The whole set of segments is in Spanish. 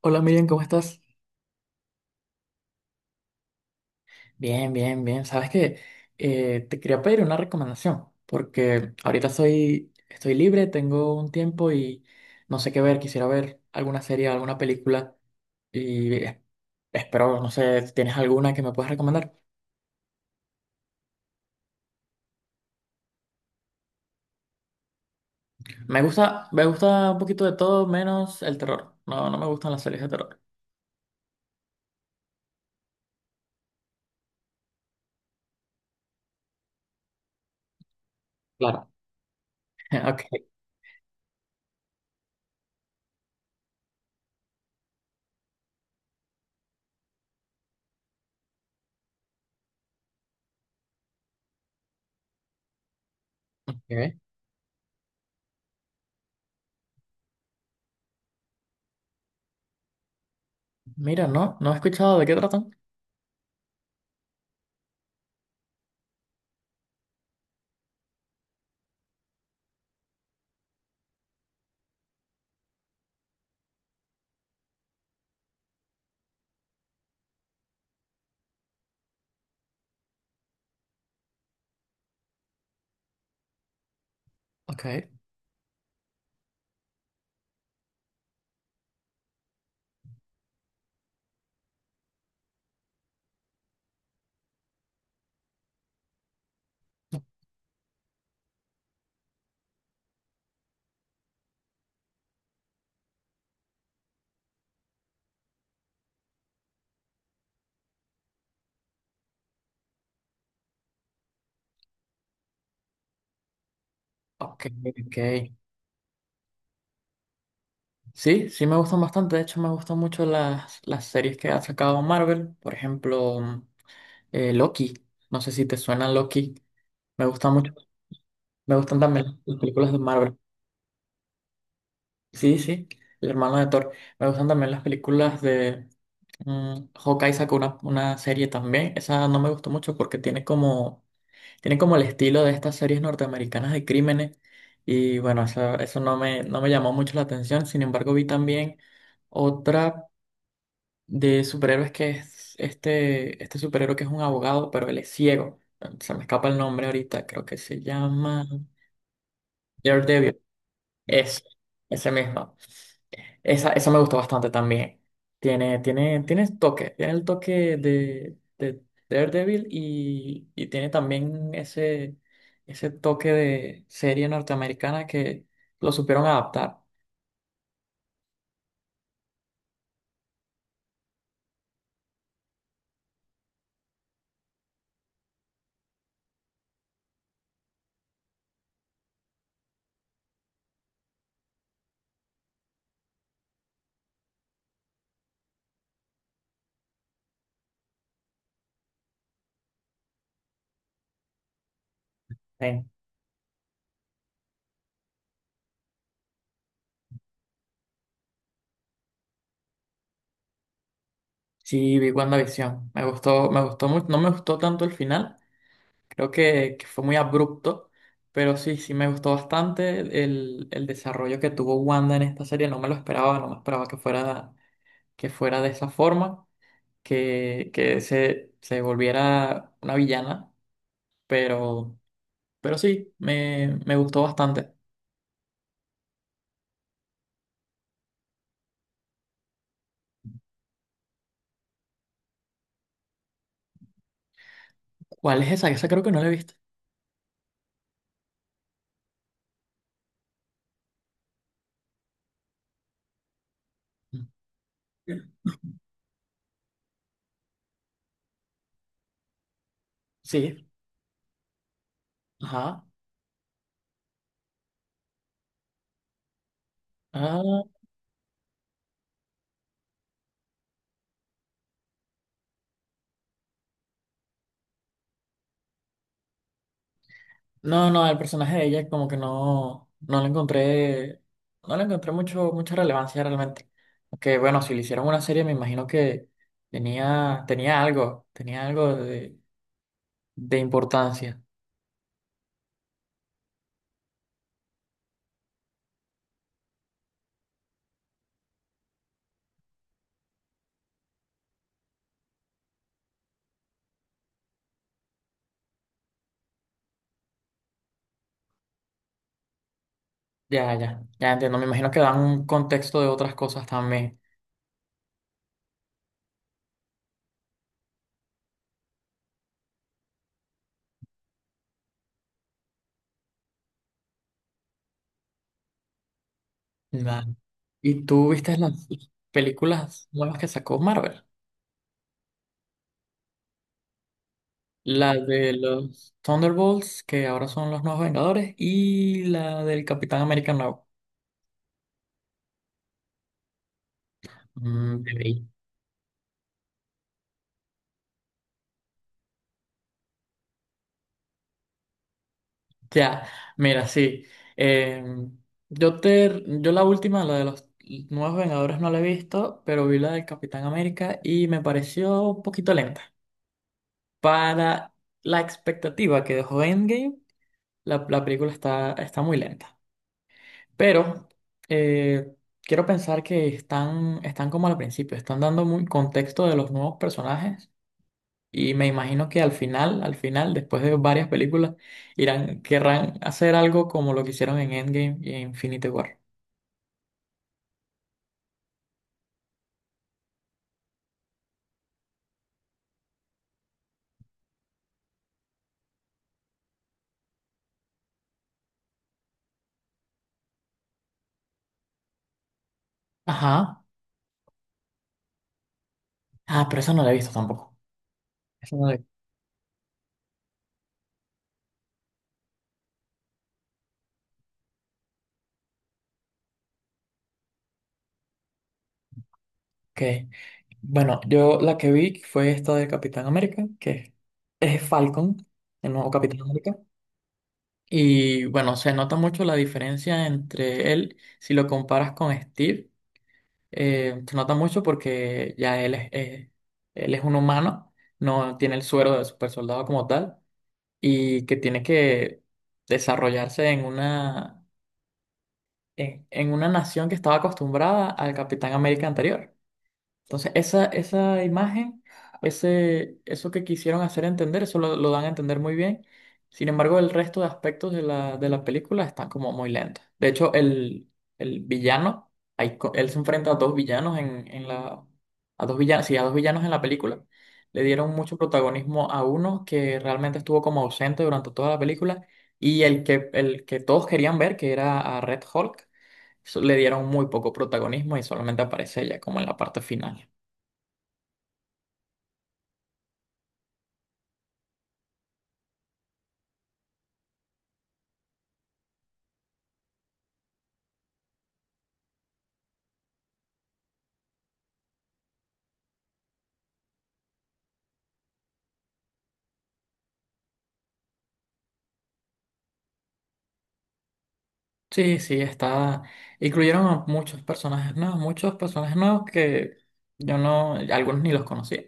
Hola, Miriam, ¿cómo estás? Bien, bien, bien. Sabes que te quería pedir una recomendación, porque ahorita soy, estoy libre, tengo un tiempo y no sé qué ver. Quisiera ver alguna serie, alguna película y es- espero, no sé, ¿si tienes alguna que me puedas recomendar? Me gusta un poquito de todo, menos el terror. No, no me gustan las series de terror. Claro. Ok. Ok. Mira, no, no he escuchado de qué tratan. Ok, ok, ok. Sí, sí me gustan bastante. De hecho, me gustan mucho las series que ha sacado Marvel. Por ejemplo, Loki. No sé si te suena Loki. Me gusta mucho. Me gustan también las películas de Marvel. Sí, sí, el hermano de Thor. Me gustan también las películas de Hawkeye sacó una serie también. Esa no me gustó mucho porque tiene como el estilo de estas series norteamericanas de crímenes. Y bueno, eso no me, no me llamó mucho la atención. Sin embargo, vi también otra de superhéroes que es este superhéroe que es un abogado, pero él es ciego. Se me escapa el nombre ahorita, creo que se llama Daredevil. Es ese mismo. Esa me gustó bastante también. Tiene toque, tiene el toque de Daredevil, y tiene también ese toque de serie norteamericana que lo supieron adaptar. Sí, sí, vi WandaVision. Me gustó mucho. No me gustó tanto el final. Creo que fue muy abrupto, pero sí, sí me gustó bastante el desarrollo que tuvo Wanda en esta serie. No me lo esperaba, no me esperaba que fuera de esa forma, que se volviera una villana, pero, pero sí, me gustó bastante. ¿Cuál es esa? Esa creo que no la he visto. Sí, ajá. Ah, no, no, el personaje de ella como que no, no le encontré, no le encontré mucho, mucha relevancia realmente. Aunque bueno, si le hicieron una serie me imagino que tenía, tenía algo de importancia. Ya, ya, ya entiendo, me imagino que dan un contexto de otras cosas también. Vale. ¿Y tú viste las películas nuevas que sacó Marvel? La de los Thunderbolts, que ahora son los nuevos Vengadores, y la del Capitán América nuevo. Ya, mira, sí. Eh, yo te, yo la última, la de los nuevos Vengadores no la he visto, pero vi la del Capitán América y me pareció un poquito lenta. Para la expectativa que dejó Endgame, la película está, está muy lenta. Pero eh, quiero pensar que están, están como al principio, están dando muy contexto de los nuevos personajes y me imagino que al final, después de varias películas, irán, querrán hacer algo como lo que hicieron en Endgame y en Infinity War. Ajá. Ah, pero esa no la he visto tampoco. Esa no la- Ok. Bueno, yo la que vi fue esta de Capitán América, que es Falcon, el nuevo Capitán América. Y bueno, se nota mucho la diferencia entre él, si lo comparas con Steve. Se nota mucho porque ya él es un humano, no tiene el suero de super soldado como tal. Y que tiene que desarrollarse en una nación que estaba acostumbrada al Capitán América anterior. Entonces, esa imagen, ese, eso que quisieron hacer entender, eso lo dan a entender muy bien. Sin embargo, el resto de aspectos de la película están como muy lentos. De hecho, el villano, él se enfrenta a dos villanos a dos villanos, sí, a dos villanos en la película. Le dieron mucho protagonismo a uno que realmente estuvo como ausente durante toda la película, y el que todos querían ver, que era a Red Hulk, le dieron muy poco protagonismo y solamente aparece ella como en la parte final. Sí, sí, está. Incluyeron a muchos personajes nuevos que yo no, algunos ni los conocía.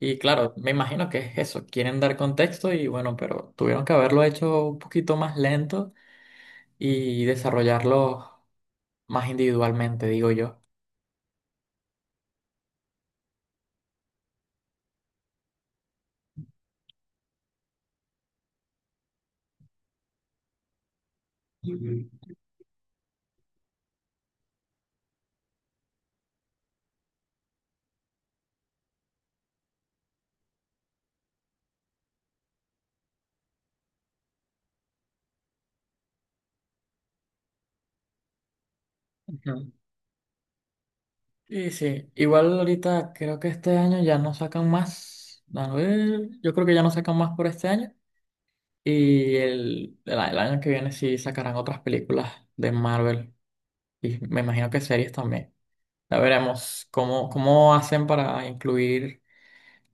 Y claro, me imagino que es eso, quieren dar contexto y bueno, pero tuvieron que haberlo hecho un poquito más lento y desarrollarlo más individualmente, digo yo. Ujú. Ujú. Sí, sí. Igual ahorita creo que este año ya no sacan más. A ver, yo creo que ya no sacan más por este año. El año que viene sí sacarán otras películas de Marvel. Y me imagino que series también. Ya veremos cómo, cómo hacen para incluir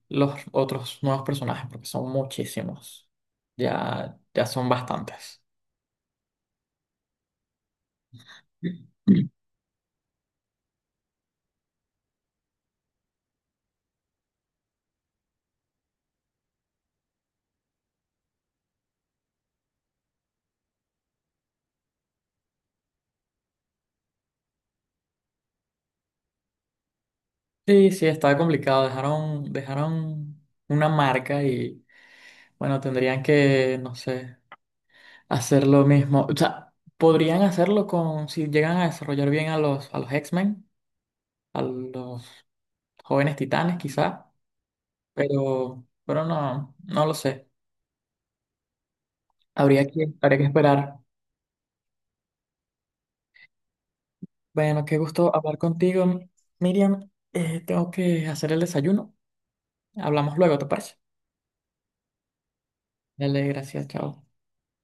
los otros nuevos personajes, porque son muchísimos. Ya, ya son bastantes. Sí, sí, está complicado. Dejaron, dejaron una marca y, bueno, tendrían que, no sé, hacer lo mismo. O sea, podrían hacerlo con, si llegan a desarrollar bien a los X-Men, a los jóvenes titanes quizá, pero no, no lo sé. Habría que esperar. Bueno, qué gusto hablar contigo, Miriam. Tengo que hacer el desayuno. Hablamos luego, ¿te parece? Dale, gracias, chao.